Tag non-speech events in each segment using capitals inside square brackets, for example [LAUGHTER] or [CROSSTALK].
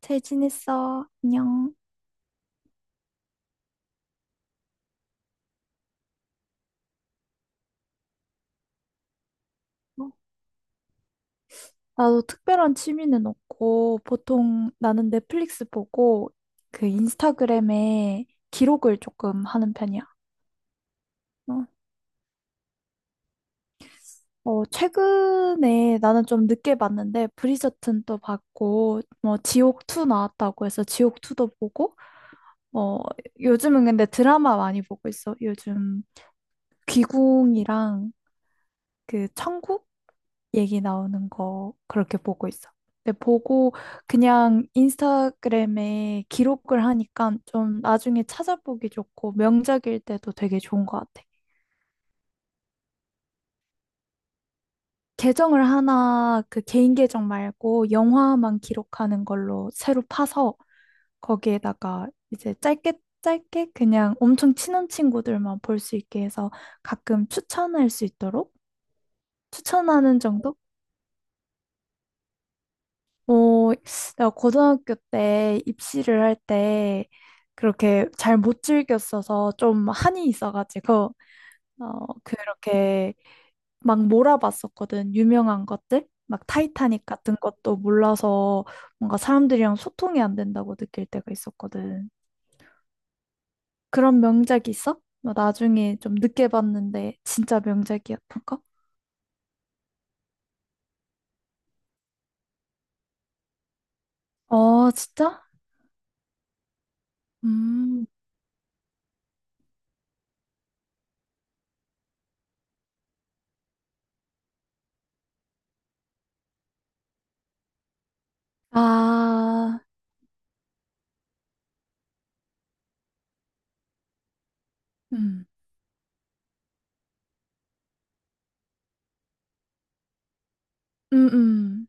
잘 지냈어. 안녕. 어, 나도 특별한 취미는 없고, 보통 나는 넷플릭스 보고, 그 인스타그램에 기록을 조금 하는 편이야. 어, 최근에 나는 좀 늦게 봤는데, 브리저튼도 봤고, 뭐, 지옥2 나왔다고 해서 지옥2도 보고, 어, 요즘은 근데 드라마 많이 보고 있어. 요즘 귀궁이랑 그 천국? 얘기 나오는 거 그렇게 보고 있어. 근데 보고 그냥 인스타그램에 기록을 하니까 좀 나중에 찾아보기 좋고 명작일 때도 되게 좋은 것 같아. 계정을 하나 그 개인 계정 말고 영화만 기록하는 걸로 새로 파서 거기에다가 이제 짧게 그냥 엄청 친한 친구들만 볼 수 있게 해서 가끔 추천할 수 있도록 추천하는 정도? 어, 내가 고등학교 때 입시를 할 때 그렇게 잘 못 즐겼어서 좀 한이 있어가지고, 어, 그렇게 막 몰아봤었거든. 유명한 것들? 막 타이타닉 같은 것도 몰라서 뭔가 사람들이랑 소통이 안 된다고 느낄 때가 있었거든. 그런 명작이 있어? 나 나중에 좀 늦게 봤는데 진짜 명작이었던 거? 어, 진짜? 음. 아, 음. 음, 음.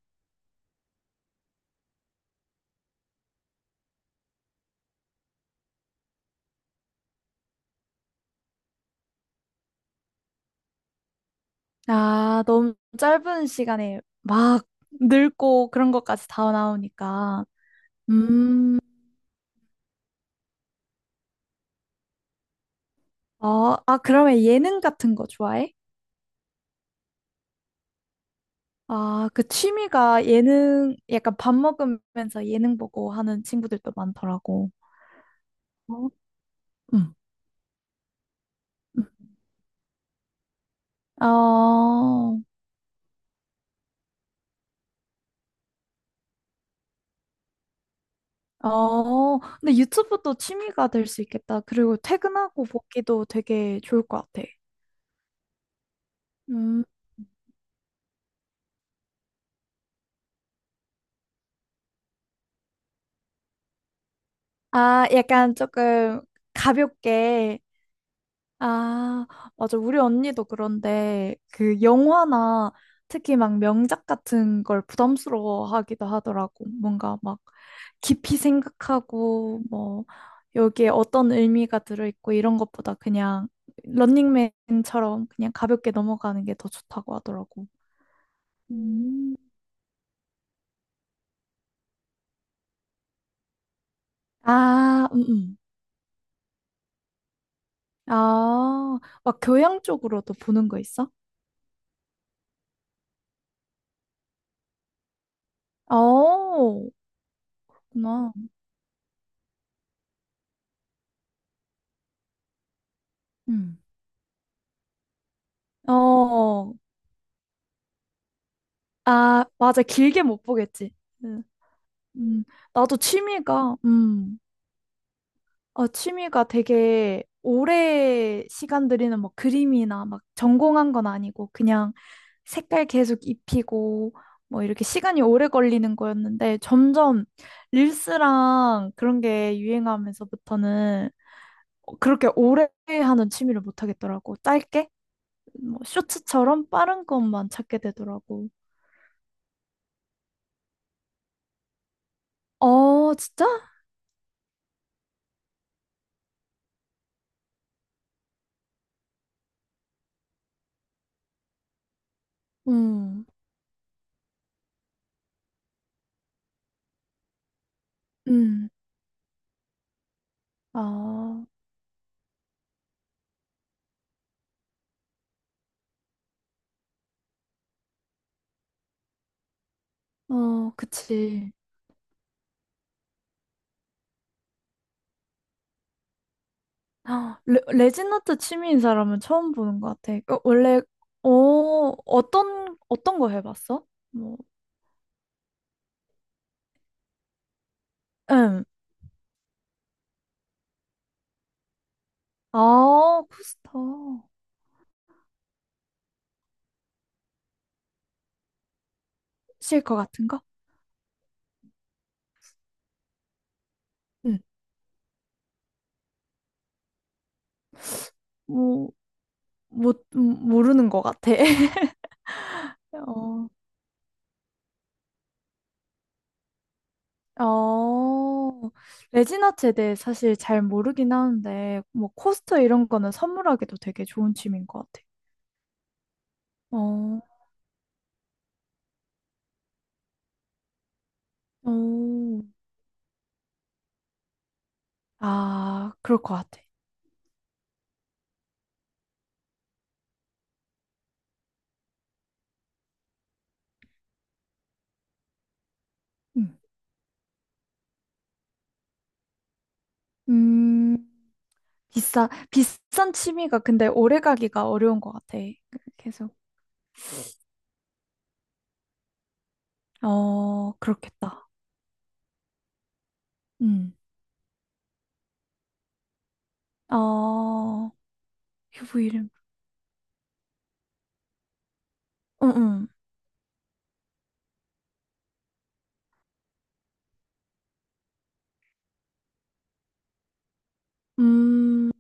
아, 너무 짧은 시간에 막 늙고 그런 것까지 다 나오니까. 음, 아, 그러면 예능 같은 거 좋아해? 아, 그 취미가 예능, 약간 밥 먹으면서 예능 보고 하는 친구들도 많더라고. 어? 응. 응. 어, 근데 유튜브도 취미가 될 수 있겠다. 그리고 퇴근하고 보기도 되게 좋을 것 같아. 음. 아, 약간 조금 가볍게. 아, 맞아. 우리 언니도 그런데 그 영화나 특히 막 명작 같은 걸 부담스러워 하기도 하더라고. 뭔가 막 깊이 생각하고 뭐 여기에 어떤 의미가 들어있고 이런 것보다 그냥 런닝맨처럼 그냥 가볍게 넘어가는 게 더 좋다고 하더라고. 음. 아, 아, 막 교양 쪽으로도 보는 거 있어? 어, 그렇구나. 음. 어, 아, 맞아. 길게 못 보겠지. 응. 음, 나도 취미가, 아, 취미가 되게 오래 시간 들이는 막 그림이나 막 전공한 건 아니고 그냥 색깔 계속 입히고 뭐 이렇게 시간이 오래 걸리는 거였는데 점점 릴스랑 그런 게 유행하면서부터는 그렇게 오래 하는 취미를 못 하겠더라고. 짧게? 뭐 쇼츠처럼 빠른 것만 찾게 되더라고. 어, 진짜? 음. 음. 아, 어, 그치. 아, 레진아트 취미인 사람은 처음 보는 것 같아. 어, 원래. 어, 어떤 거 해봤어? 뭐, 응. 아, 코스터. 실컷 같은 거? 응. 뭐, 못, 모르는 것 같아. [LAUGHS] 어, 어, 레진아트에 대해 사실 잘 모르긴 하는데, 뭐, 코스터 이런 거는 선물하기도 되게 좋은 취미인 것 같아. 어, 어, 아, 그럴 것 같아. 응. 음, 비싼 취미가 근데 오래 가기가 어려운 것 같아. 계속. 어, 그렇겠다. 음. 어, 유부 이름. 응, 응. 음,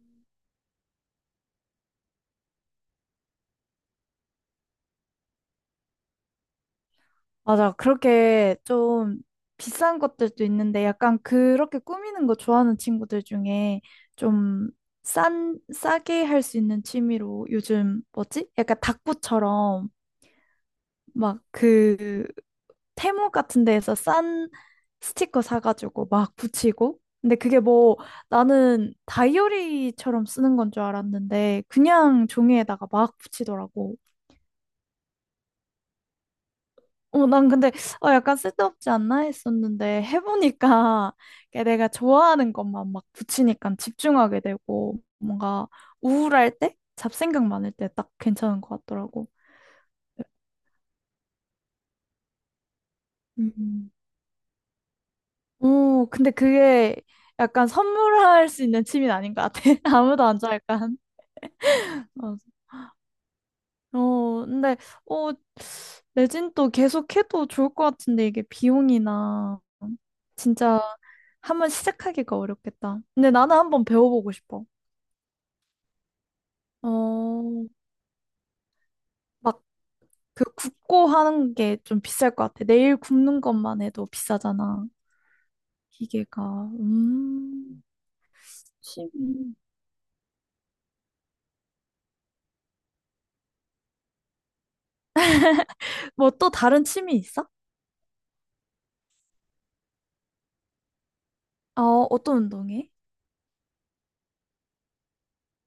맞아. 그렇게 좀 비싼 것들도 있는데 약간 그렇게 꾸미는 거 좋아하는 친구들 중에 좀 싸게 할 수 있는 취미로 요즘 뭐지? 약간 닭부처럼 막그 테무 같은 데에서 싼 스티커 사가지고 막 붙이고. 근데 그게 뭐 나는 다이어리처럼 쓰는 건 줄 알았는데 그냥 종이에다가 막 붙이더라고. 어, 난 근데 약간 쓸데없지 않나 했었는데 해보니까 이게 내가 좋아하는 것만 막 붙이니까 집중하게 되고 뭔가 우울할 때, 잡생각 많을 때 딱 괜찮은 것 같더라고. 음. 오, 근데 그게 약간 선물할 수 있는 취미는 아닌 것 같아. [LAUGHS] 아무도 안 좋아, 약간. 어, 근데, 어, 레진도 계속 해도 좋을 것 같은데, 이게 비용이나, 진짜 한번 시작하기가 어렵겠다. 근데 나는 한번 배워보고 싶어. 어, 막 그 굽고 하는 게 좀 비쌀 것 같아. 내일 굽는 것만 해도 비싸잖아, 기계가. 음, 취미. 뭐 또 다른 취미 있어? 어, 어떤 운동해?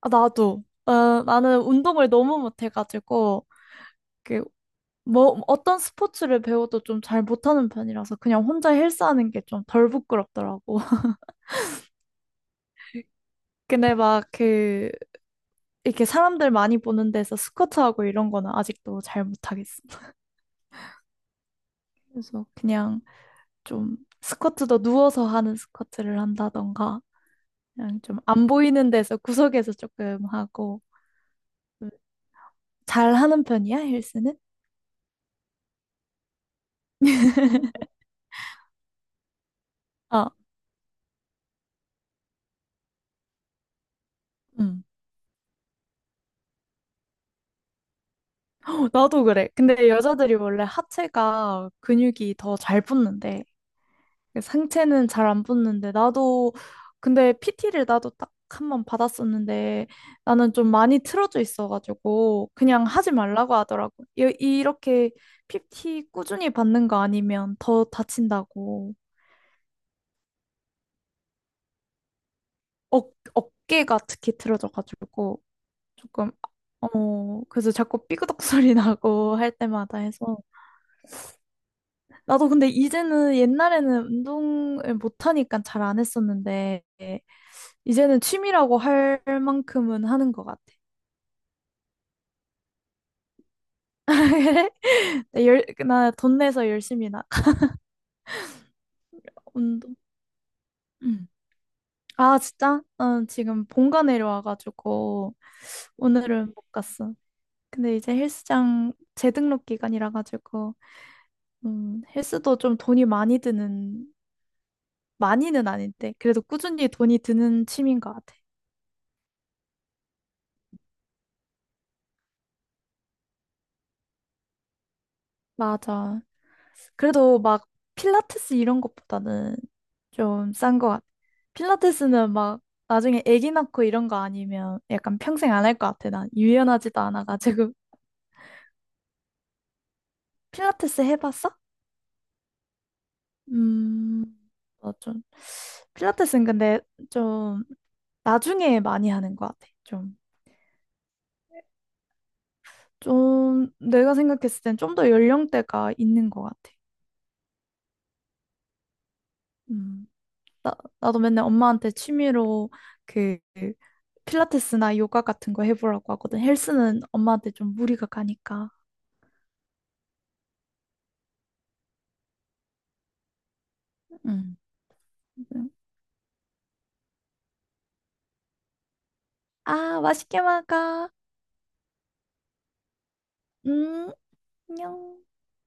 아, 나도. 나는 운동을 너무 못해가지고, 그, 뭐, 어떤 스포츠를 배워도 좀 잘 못하는 편이라서 그냥 혼자 헬스하는 게 좀 덜 부끄럽더라고. [LAUGHS] 근데 막 그, 이렇게 사람들 많이 보는 데서 스쿼트하고 이런 거는 아직도 잘 못하겠어. [LAUGHS] 그래서 그냥 좀 스쿼트도 누워서 하는 스쿼트를 한다던가, 그냥 좀 안 보이는 데서 구석에서 조금 하고, 음, 잘 하는 편이야, 헬스는? 아, 응. 나도 그래. 근데 여자들이 원래 하체가 근육이 더 잘 붙는데 상체는 잘 안 붙는데 나도 근데 PT를 나도 딱 한번 받았었는데 나는 좀 많이 틀어져 있어가지고 그냥 하지 말라고 하더라고. 이렇게 PT 꾸준히 받는 거 아니면 더 다친다고. 어, 어깨가 특히 틀어져가지고 조금 그래서 자꾸 삐그덕 소리 [LAUGHS] 나고 할 때마다 해서, 나도 근데 이제는 옛날에는 운동을 못하니까 잘 안 했었는데, 이제는 취미라고 할 만큼은 하는 것 같아. [LAUGHS] 그래? 나 돈 내서 열심히 나. [LAUGHS] 운동. 응. 아, 진짜? 난 지금 본가 내려와가지고, 오늘은 못 갔어. 근데 이제 헬스장 재등록 기간이라 가지고, 헬스도 좀 돈이 많이 드는, 많이는 아닌데, 그래도 꾸준히 돈이 드는 취미인 것 같아. 맞아. 그래도 막 필라테스 이런 것보다는 좀 싼 것 같아. 필라테스는 막 나중에 아기 낳고 이런 거 아니면 약간 평생 안 할 것 같아. 난 유연하지도 않아가지고. [LAUGHS] 필라테스 해봤어? 음, 나 좀. 필라테스는 근데 좀 나중에 많이 하는 것 같아. 좀 내가 생각했을 땐 좀 더 연령대가 있는 것 같아. 음. 나도 맨날 엄마한테 취미로 그 필라테스나 요가 같은 거 해보라고 하거든. 헬스는 엄마한테 좀 무리가 가니까. 응. 응. 아, 맛있게 먹어. 음, 안녕.